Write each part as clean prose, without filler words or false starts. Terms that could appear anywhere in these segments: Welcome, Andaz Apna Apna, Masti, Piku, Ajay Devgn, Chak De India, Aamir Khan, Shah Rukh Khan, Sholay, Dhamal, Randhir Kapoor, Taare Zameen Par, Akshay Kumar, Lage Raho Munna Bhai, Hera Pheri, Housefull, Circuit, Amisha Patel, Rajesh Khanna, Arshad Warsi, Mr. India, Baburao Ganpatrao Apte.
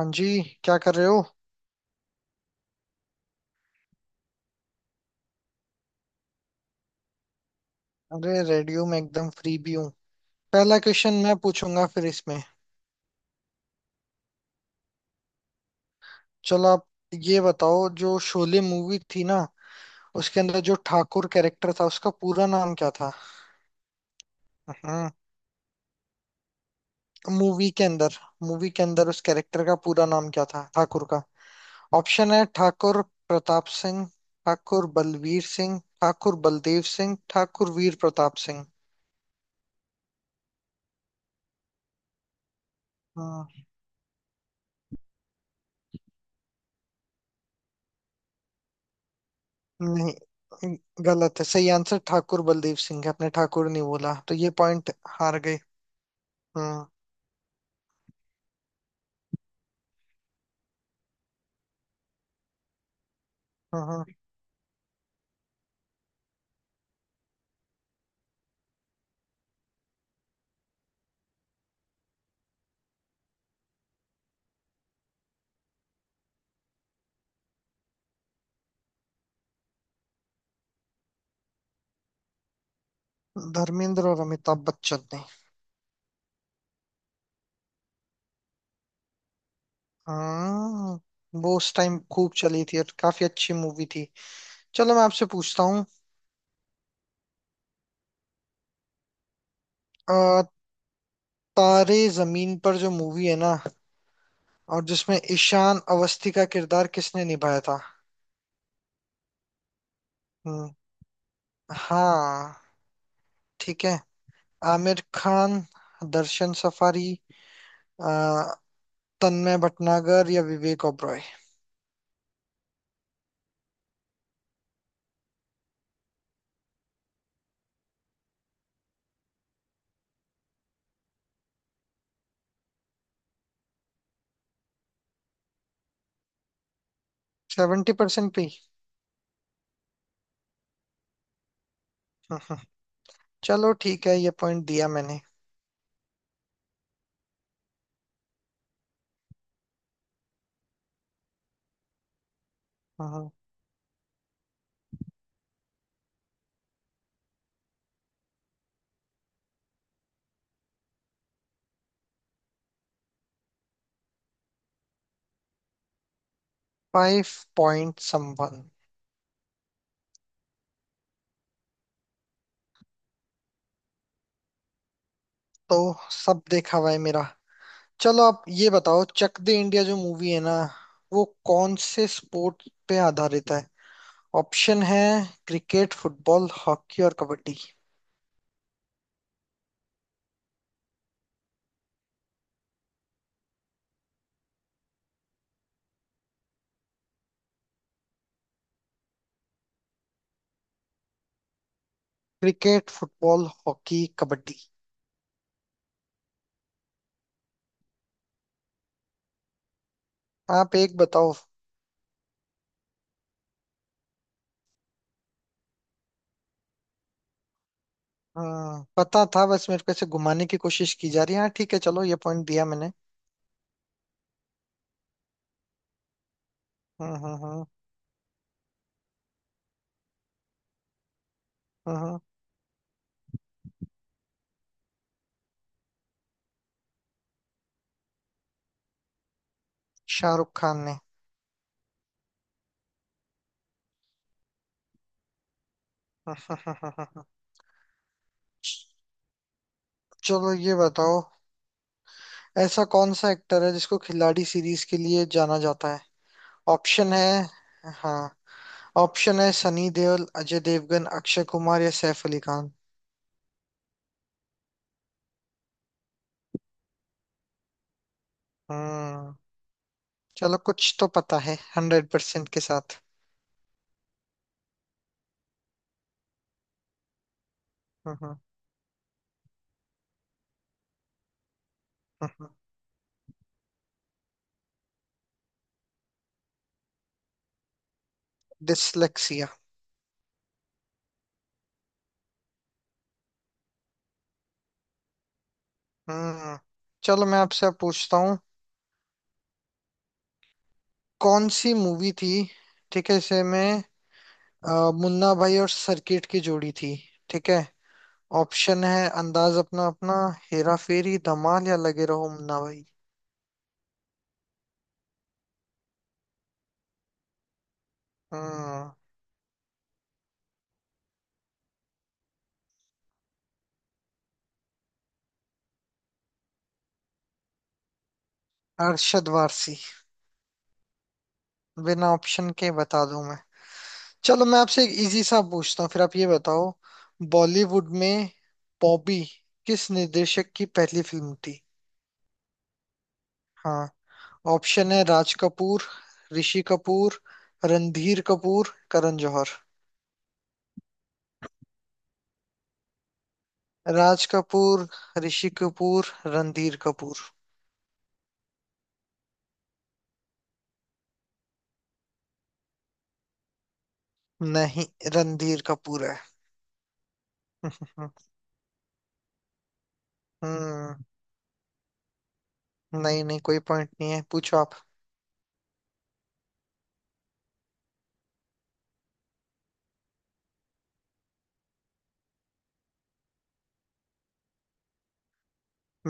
हाँ जी, क्या कर रहे हो? अरे रेडियो में एकदम फ्री भी हूँ। पहला क्वेश्चन मैं पूछूंगा फिर इसमें। चलो आप ये बताओ, जो शोले मूवी थी ना, उसके अंदर जो ठाकुर कैरेक्टर था उसका पूरा नाम क्या था? हम्म। मूवी के अंदर मूवी के अंदर उस कैरेक्टर का पूरा नाम क्या था ठाकुर का? ऑप्शन है ठाकुर प्रताप सिंह, ठाकुर बलवीर सिंह, ठाकुर बलदेव सिंह, ठाकुर वीर प्रताप सिंह। हम्म। नहीं, गलत है। सही आंसर ठाकुर बलदेव सिंह है। आपने ठाकुर नहीं बोला तो ये पॉइंट हार गए। हम्म हम्म धर्मेंद्र और अमिताभ बच्चन ने। हाँ, वो उस टाइम खूब चली थी और काफी अच्छी मूवी थी। चलो मैं आपसे पूछता हूँ। अ, तारे जमीन पर जो मूवी है ना, और जिसमें ईशान अवस्थी का किरदार किसने निभाया था? हम्म। हाँ। ठीक है। आमिर खान, दर्शन सफारी, अ, तन्मय भटनागर या विवेक ओबरॉय। 70% पे ही। हम्म, हम्म। चलो ठीक है ये पॉइंट दिया मैंने। Five point someone. तो सब देखा हुआ है मेरा। चलो आप ये बताओ, चक दे इंडिया जो मूवी है ना, वो कौन से स्पोर्ट पे आधारित है? ऑप्शन है क्रिकेट, फुटबॉल, हॉकी और kabaddi. Cricket, football, hockey, kabaddi. आप एक बताओ। हाँ, पता था, बस मेरे को ऐसे घुमाने की कोशिश की जा रही है। हाँ ठीक है, चलो ये पॉइंट दिया मैंने। हम्म हम्म हम्म हम्म। शाहरुख खान ने। चलो ये बताओ, ऐसा कौन सा एक्टर है जिसको खिलाड़ी सीरीज के लिए जाना जाता है? ऑप्शन है, हाँ, ऑप्शन है सनी देओल, अजय देवगन, अक्षय कुमार या सैफ अली खान। हम्म। चलो कुछ तो पता है 100% के साथ। हम्म। डिसलेक्सिया। हम्म। चलो मैं आपसे अब पूछता हूँ, कौन सी मूवी थी, ठीक है इसे में, अ, मुन्ना भाई और सर्किट की जोड़ी थी, ठीक है। ऑप्शन है अंदाज अपना अपना, हेरा फेरी, धमाल या लगे रहो मुन्ना भाई। हम्म। अरशद वारसी। बिना ऑप्शन के बता दूं मैं। चलो मैं आपसे एक इजी सा पूछता हूँ, फिर आप ये बताओ। बॉलीवुड में बॉबी किस निर्देशक की पहली फिल्म थी? हाँ। ऑप्शन है राज कपूर, ऋषि कपूर, रणधीर कपूर, करण जौहर। राज कपूर, ऋषि कपूर, रणधीर कपूर। नहीं, रणधीर कपूर है। हम्म। हम्म। नहीं नहीं, कोई पॉइंट नहीं है, पूछो आप।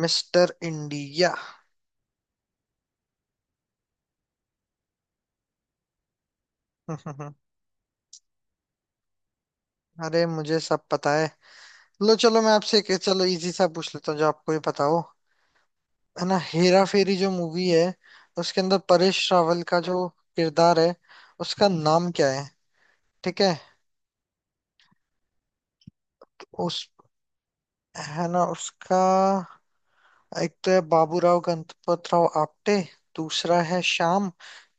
Mister India. अरे, मुझे सब पता है। लो, चलो मैं आपसे एक, चलो इजी सा पूछ लेता हूँ जो आपको भी पता हो। है ना, हेरा फेरी जो मूवी है उसके अंदर परेश रावल का जो किरदार है, उसका नाम क्या है? ठीक है। उस, है ना, उसका, एक तो है बाबूराव गणपतराव आपटे, दूसरा है श्याम,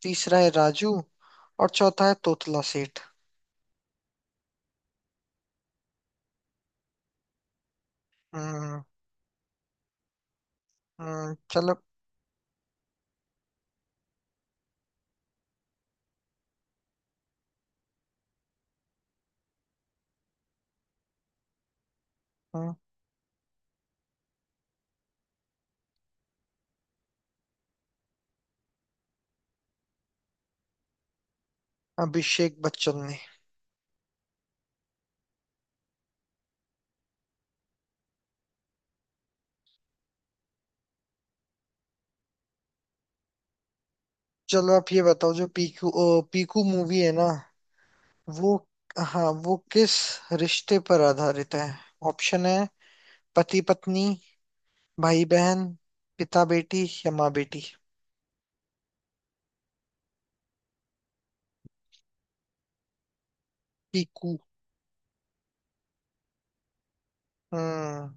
तीसरा है राजू और चौथा है तोतला सेठ। हम्म। चलो। हम्म। अभिषेक बच्चन ने। चलो आप ये बताओ, जो पीकू, पीकू मूवी है ना वो, हाँ, वो किस रिश्ते पर आधारित है? ऑप्शन है पति पत्नी, भाई बहन, पिता बेटी या माँ बेटी। पीकू। हम्म,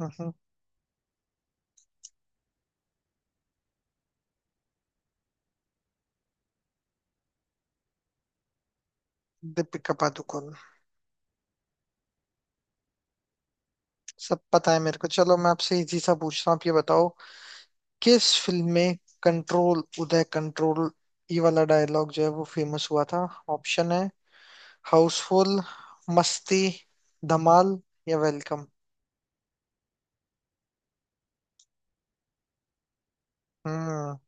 हम्म। दीपिका पादुकोण। सब पता है मेरे को। चलो मैं आपसे इजी सा पूछता हूँ, आप ये बताओ, किस फिल्म में "कंट्रोल उदय कंट्रोल" ये वाला डायलॉग जो है वो फेमस हुआ था? ऑप्शन है हाउसफुल, मस्ती, धमाल या वेलकम। हम्म।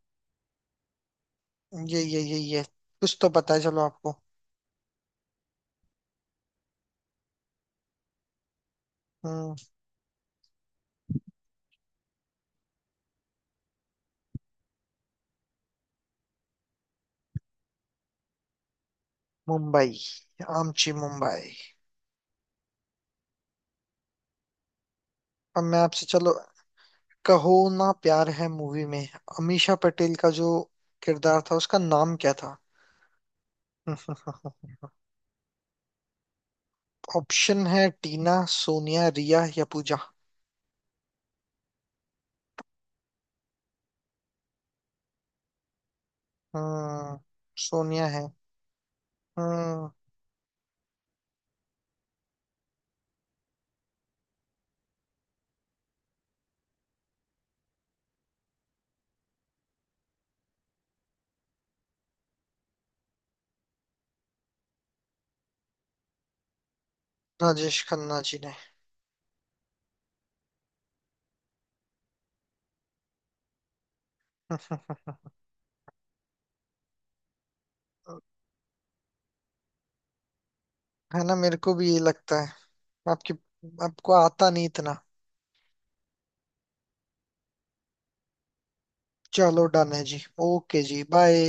ये, कुछ तो पता है चलो आपको। हम्म। मुंबई। आमची मुंबई। अब मैं आपसे, चलो कहो, ना प्यार है मूवी में अमीषा पटेल का जो किरदार था उसका नाम क्या था? ऑप्शन है टीना, सोनिया, रिया या पूजा। हम्म। सोनिया है। हम्म। राजेश खन्ना जी ने। है ना, मेरे को भी ये लगता है। आपकी, आपको आता नहीं इतना। चलो डन है जी, ओके जी, बाय।